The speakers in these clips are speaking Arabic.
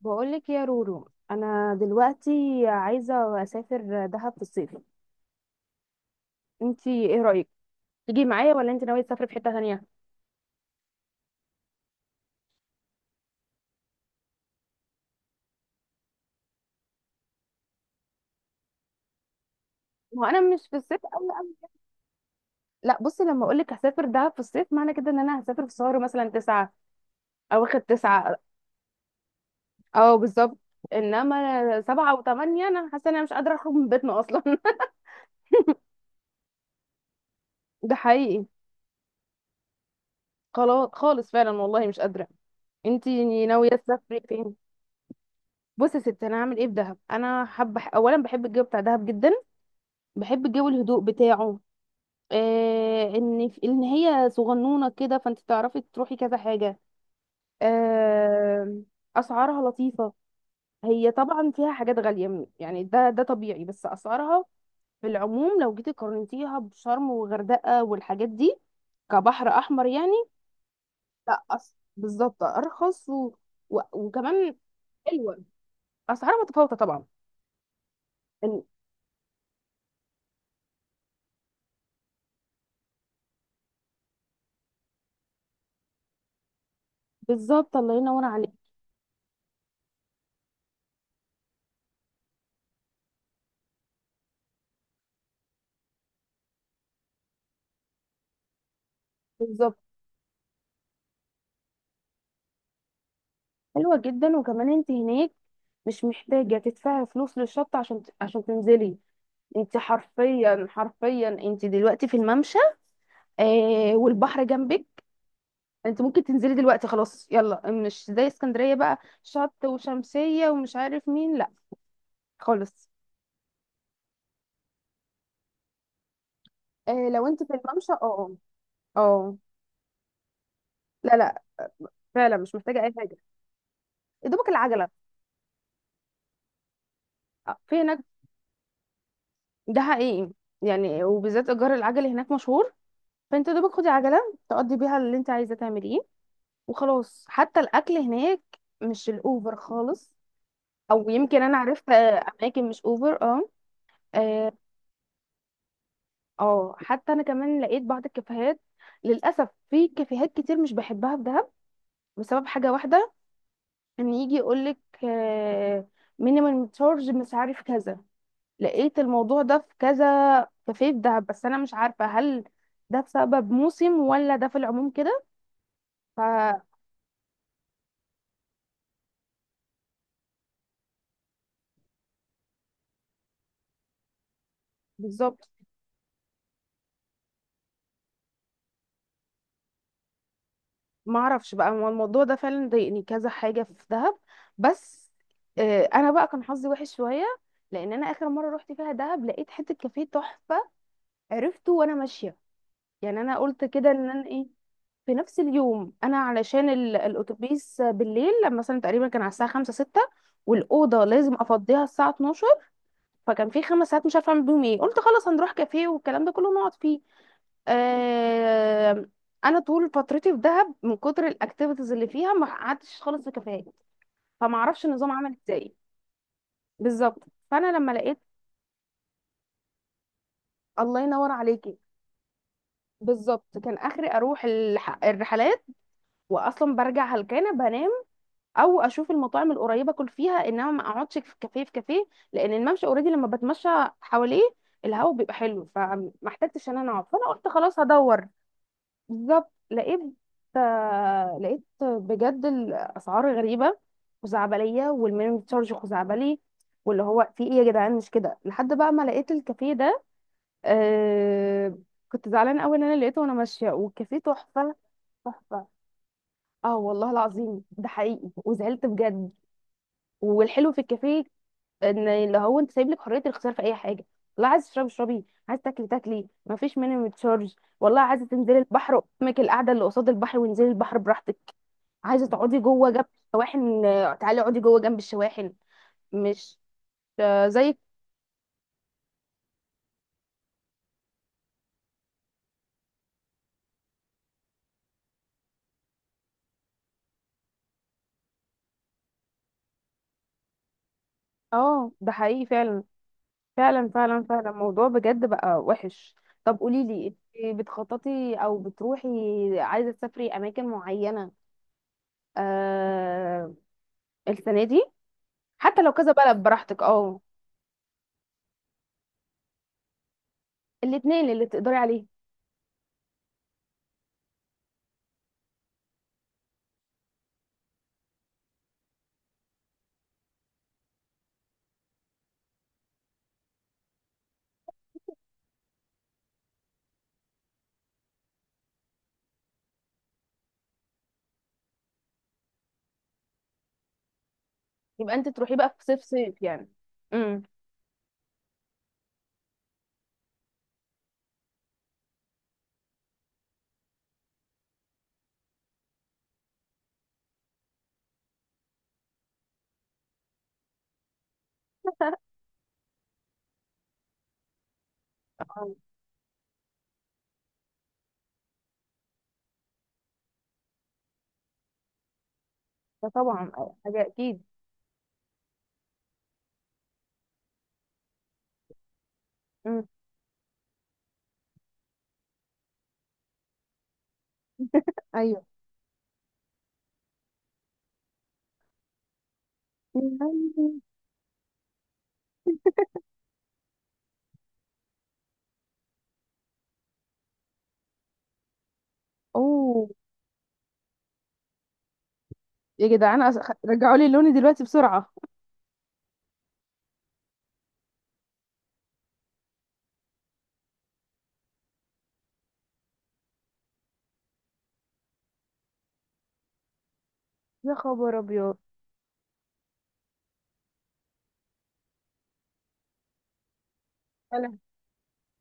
بقولك يا رورو، انا دلوقتي عايزه اسافر دهب في الصيف. انتي ايه رايك، تيجي معايا ولا انت ناويه تسافري في حته تانية؟ هو انا مش في الصيف قوي قوي. لا بصي، لما اقولك هسافر دهب في الصيف معنى كده ان انا هسافر في شهر مثلا تسعة، او اخد تسعة. اه، بالظبط. انما سبعة وثمانية، انا حاسه ان انا مش قادره اخرج من بيتنا اصلا. ده حقيقي. خلاص خالص فعلا والله، مش قادره. انتي ناويه تسافري فين؟ بصي يا ستي، انا هعمل ايه في دهب؟ انا حابه اولا بحب الجو بتاع دهب جدا. بحب جو الهدوء بتاعه. آه، ان هي صغنونه كده، فانت تعرفي تروحي كذا حاجه. آه. اسعارها لطيفه. هي طبعا فيها حاجات غاليه، يعني ده طبيعي، بس اسعارها في العموم لو جيتي قارنتيها بشرم وغردقه والحاجات دي، كبحر احمر يعني. لا، بالظبط ارخص، وكمان حلوه. اسعارها متفاوتة طبعا. إن- بالظبط، الله ينور عليك. بالظبط. حلوة جدا، وكمان انت هناك مش محتاجة تدفعي فلوس للشط عشان تنزلي. انت حرفيا حرفيا، انت دلوقتي في الممشى. آه، والبحر جنبك. انت ممكن تنزلي دلوقتي خلاص، يلا، مش زي اسكندرية بقى. شط وشمسية ومش عارف مين، لا. خالص. آه، لو انت في الممشى، اه اه. اه. لا، لا. فعلا مش محتاجة اي حاجة. يا دوبك العجلة. آه، في هناك. ده حقيقي. يعني وبالذات ايجار العجل هناك مشهور. فانت يا دوبك خدي عجلة، تقضي بيها اللي انت عايزة تعمليه، وخلاص. حتى الاكل هناك مش الاوفر خالص. او يمكن انا عرفت اماكن مش اوفر، اه. اه. آه. حتى انا كمان لقيت بعض الكافيهات. للاسف في كافيهات كتير مش بحبها في دهب، بسبب حاجه واحده. ان يجي يقولك مينيمم تشارج مش عارف كذا. لقيت الموضوع ده في كذا كافيه في دهب، بس انا مش عارفه هل ده بسبب موسم ولا ده في العموم كده؟ فبالظبط. ما اعرفش بقى، هو الموضوع ده فعلا ضايقني كذا حاجه في دهب. بس. آه، انا بقى كان حظي وحش شويه. لان انا اخر مره رحت فيها دهب لقيت حته كافيه تحفه. عرفته وانا ماشيه. يعني انا قلت كده ان انا ايه، في نفس اليوم، انا علشان الاتوبيس بالليل لما مثلا تقريبا كان على الساعه 5 6، والاوضه لازم افضيها الساعه 12. فكان في 5 ساعات مش عارفه اعمل بيهم ايه، قلت خلاص هنروح كافيه والكلام ده كله نقعد فيه. آه، انا طول فترتي في دهب من كتر الاكتيفيتيز اللي فيها ما قعدتش خالص في كافيهات. فما اعرفش النظام عمل ازاي. بالظبط. فانا لما لقيت الله ينور عليكي. بالظبط، كان اخري اروح الرحلات، واصلا برجع هلكانه بنام، او اشوف المطاعم القريبه اكل فيها، انما ما اقعدش في كافيه. لان الممشى اوريدي لما بتمشى حواليه الهواء بيبقى حلو، فما احتجتش ان انا اقعد، فانا قلت خلاص هدور. بالظبط، لقيت. لقيت بجد الاسعار غريبه، خزعبليه، والمينيمم تشارج خزعبلي. واللي هو في ايه يا جدعان؟ مش كده لحد بقى ما لقيت الكافيه ده. آه. كنت زعلانه قوي ان انا لقيته وانا ماشيه والكافيه تحفه. تحفه. اه، والله العظيم ده حقيقي، وزعلت بجد. والحلو في الكافيه ان اللي هو انت سايب لك حريه الاختيار في اي حاجه. والله عايز تشربي اشربي، عايز تاكلي تاكلي، ما فيش مينيمم تشارج. والله عايزه تنزلي البحر، قدامك القعده اللي قصاد البحر وانزلي البحر براحتك. عايزه تقعدي جوه جنب الشواحن، تعالي اقعدي جوه جنب الشواحن. مش. آه، زي. اه، ده حقيقي. فعلا، فعلا، فعلا، فعلا، الموضوع بجد بقى وحش. طب قولي لي، انت بتخططي او بتروحي عايزه تسافري اماكن معينه، آه، السنه دي؟ حتى لو كذا بلد براحتك، اه. الاثنين اللي تقدري عليه. يبقى انت تروحي بقى في صيف صيف يعني. امم. آه، ده طبعا. حاجه اكيد. امم. ايوه. يعني- اوه. يا جدعان، رجعوا لي لوني دلوقتي بسرعه. يا خبر ابيض. انا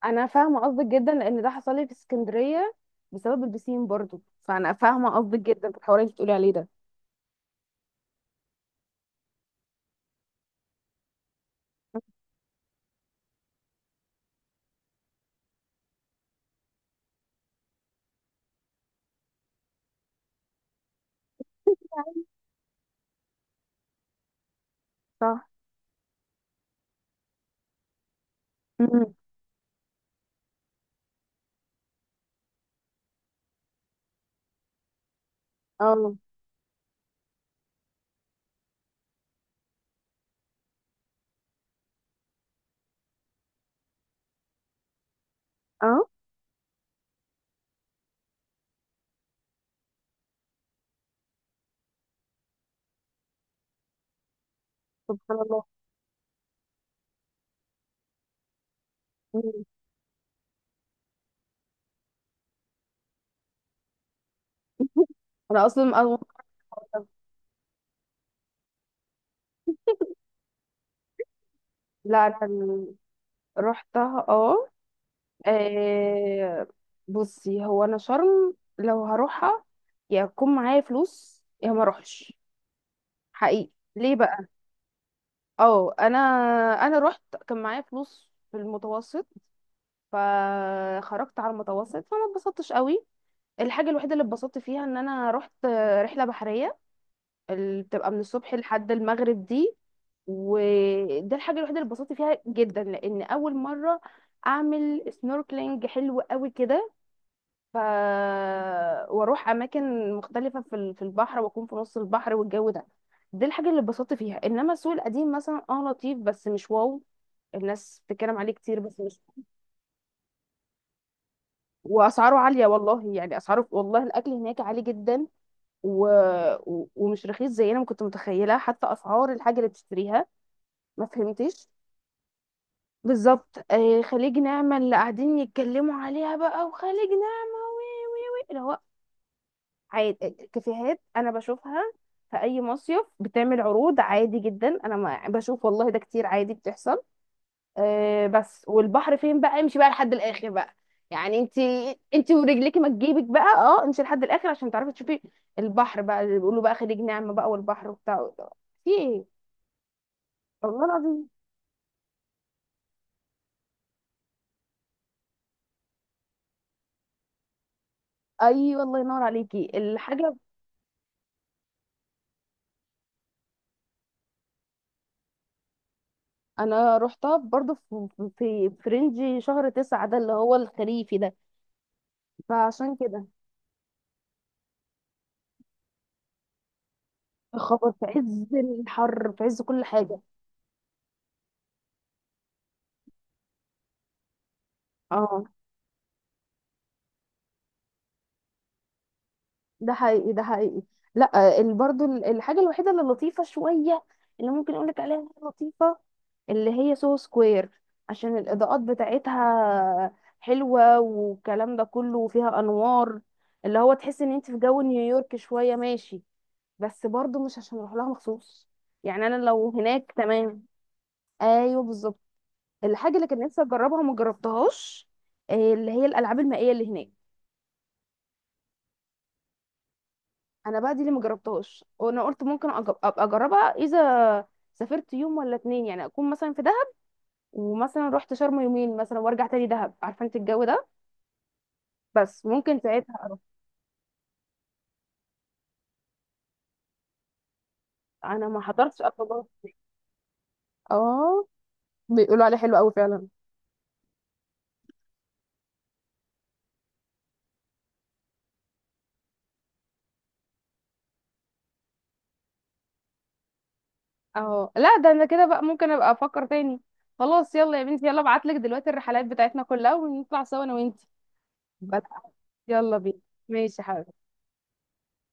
انا فاهمه قصدك جدا لان ده حصل لي في اسكندريه، بسبب البسين برضو. فانا فاهمه قصدك جدا في الحوار اللي انت بتقولي عليه ده. صح. امم. اه، اه. سبحان الله. مم. انا اصلا لا، انا رحتها اه. آه. بصي، هو انا شرم لو هروحها، يا يكون معايا فلوس يا ما اروحش. حقيقي. ليه بقى؟ اه، انا رحت، كان معايا فلوس في المتوسط، فخرجت على المتوسط، فما اتبسطتش قوي. الحاجه الوحيده اللي اتبسطت فيها ان انا رحت رحله بحريه، اللي بتبقى من الصبح لحد المغرب دي، وده الحاجه الوحيده اللي اتبسطت فيها جدا، لان اول مره اعمل سنوركلينج حلو قوي كده. ف واروح اماكن مختلفه في البحر، واكون في نص البحر والجو ده، دي الحاجه اللي اتبسطت فيها. انما السوق القديم مثلا اه لطيف بس مش واو. الناس بتتكلم عليه كتير، بس مش. واسعاره عاليه، والله يعني اسعاره، والله الاكل هناك عالي جدا، و... ومش رخيص زي انا ما كنت متخيله. حتى اسعار الحاجه اللي بتشتريها ما فهمتش. بالظبط، آه، خليج نعمة اللي قاعدين يتكلموا عليها بقى، وخليج نعمة اللي هو عادي، كافيهات انا بشوفها في اي مصيف بتعمل عروض عادي جدا، انا ما بشوف والله ده كتير، عادي بتحصل. أه بس، والبحر فين بقى؟ امشي بقى لحد الاخر بقى. يعني انت ورجلك ما تجيبك بقى، اه امشي لحد الاخر عشان تعرفي تشوفي البحر بقى اللي بيقولوا بقى خليج نعمة بقى والبحر وبتاع في ايه. والله العظيم. ايوه، الله ينور عليكي الحاجه. انا رحتها برضو في رينج شهر تسعة ده اللي هو الخريفي ده، فعشان كده. خبر في عز الحر، في عز كل حاجة. اه، ده حقيقي، ده حقيقي. لا برضو الحاجة الوحيدة اللي لطيفة شوية، اللي ممكن اقولك عليها إنها لطيفة، اللي هي سو سكوير، عشان الإضاءات بتاعتها حلوة والكلام ده كله، وفيها أنوار، اللي هو تحس ان انت في جو نيويورك شوية ماشي. بس برضو مش عشان اروح لها مخصوص، يعني انا لو هناك تمام. ايوه، بالظبط. الحاجة اللي كان نفسي اجربها وما جربتهاش، اللي هي الألعاب المائية اللي هناك. انا بقى دي اللي مجربتهاش، وانا قلت ممكن ابقى اجربها، اذا سافرت يوم ولا اتنين، يعني اكون مثلا في دهب، ومثلا رحت شرم يومين مثلا وارجع تاني دهب، عارفه انت الجو ده. بس ممكن ساعتها اروح. انا ما حضرتش اصلا. اه، بيقولوا عليه حلو قوي فعلا. اه، لا ده انا كده بقى ممكن ابقى افكر تاني. خلاص يلا يا بنتي، يلا ابعتلك دلوقتي الرحلات بتاعتنا كلها ونطلع سوا انا وانتي. بس يلا بينا. ماشي يا حبيبي.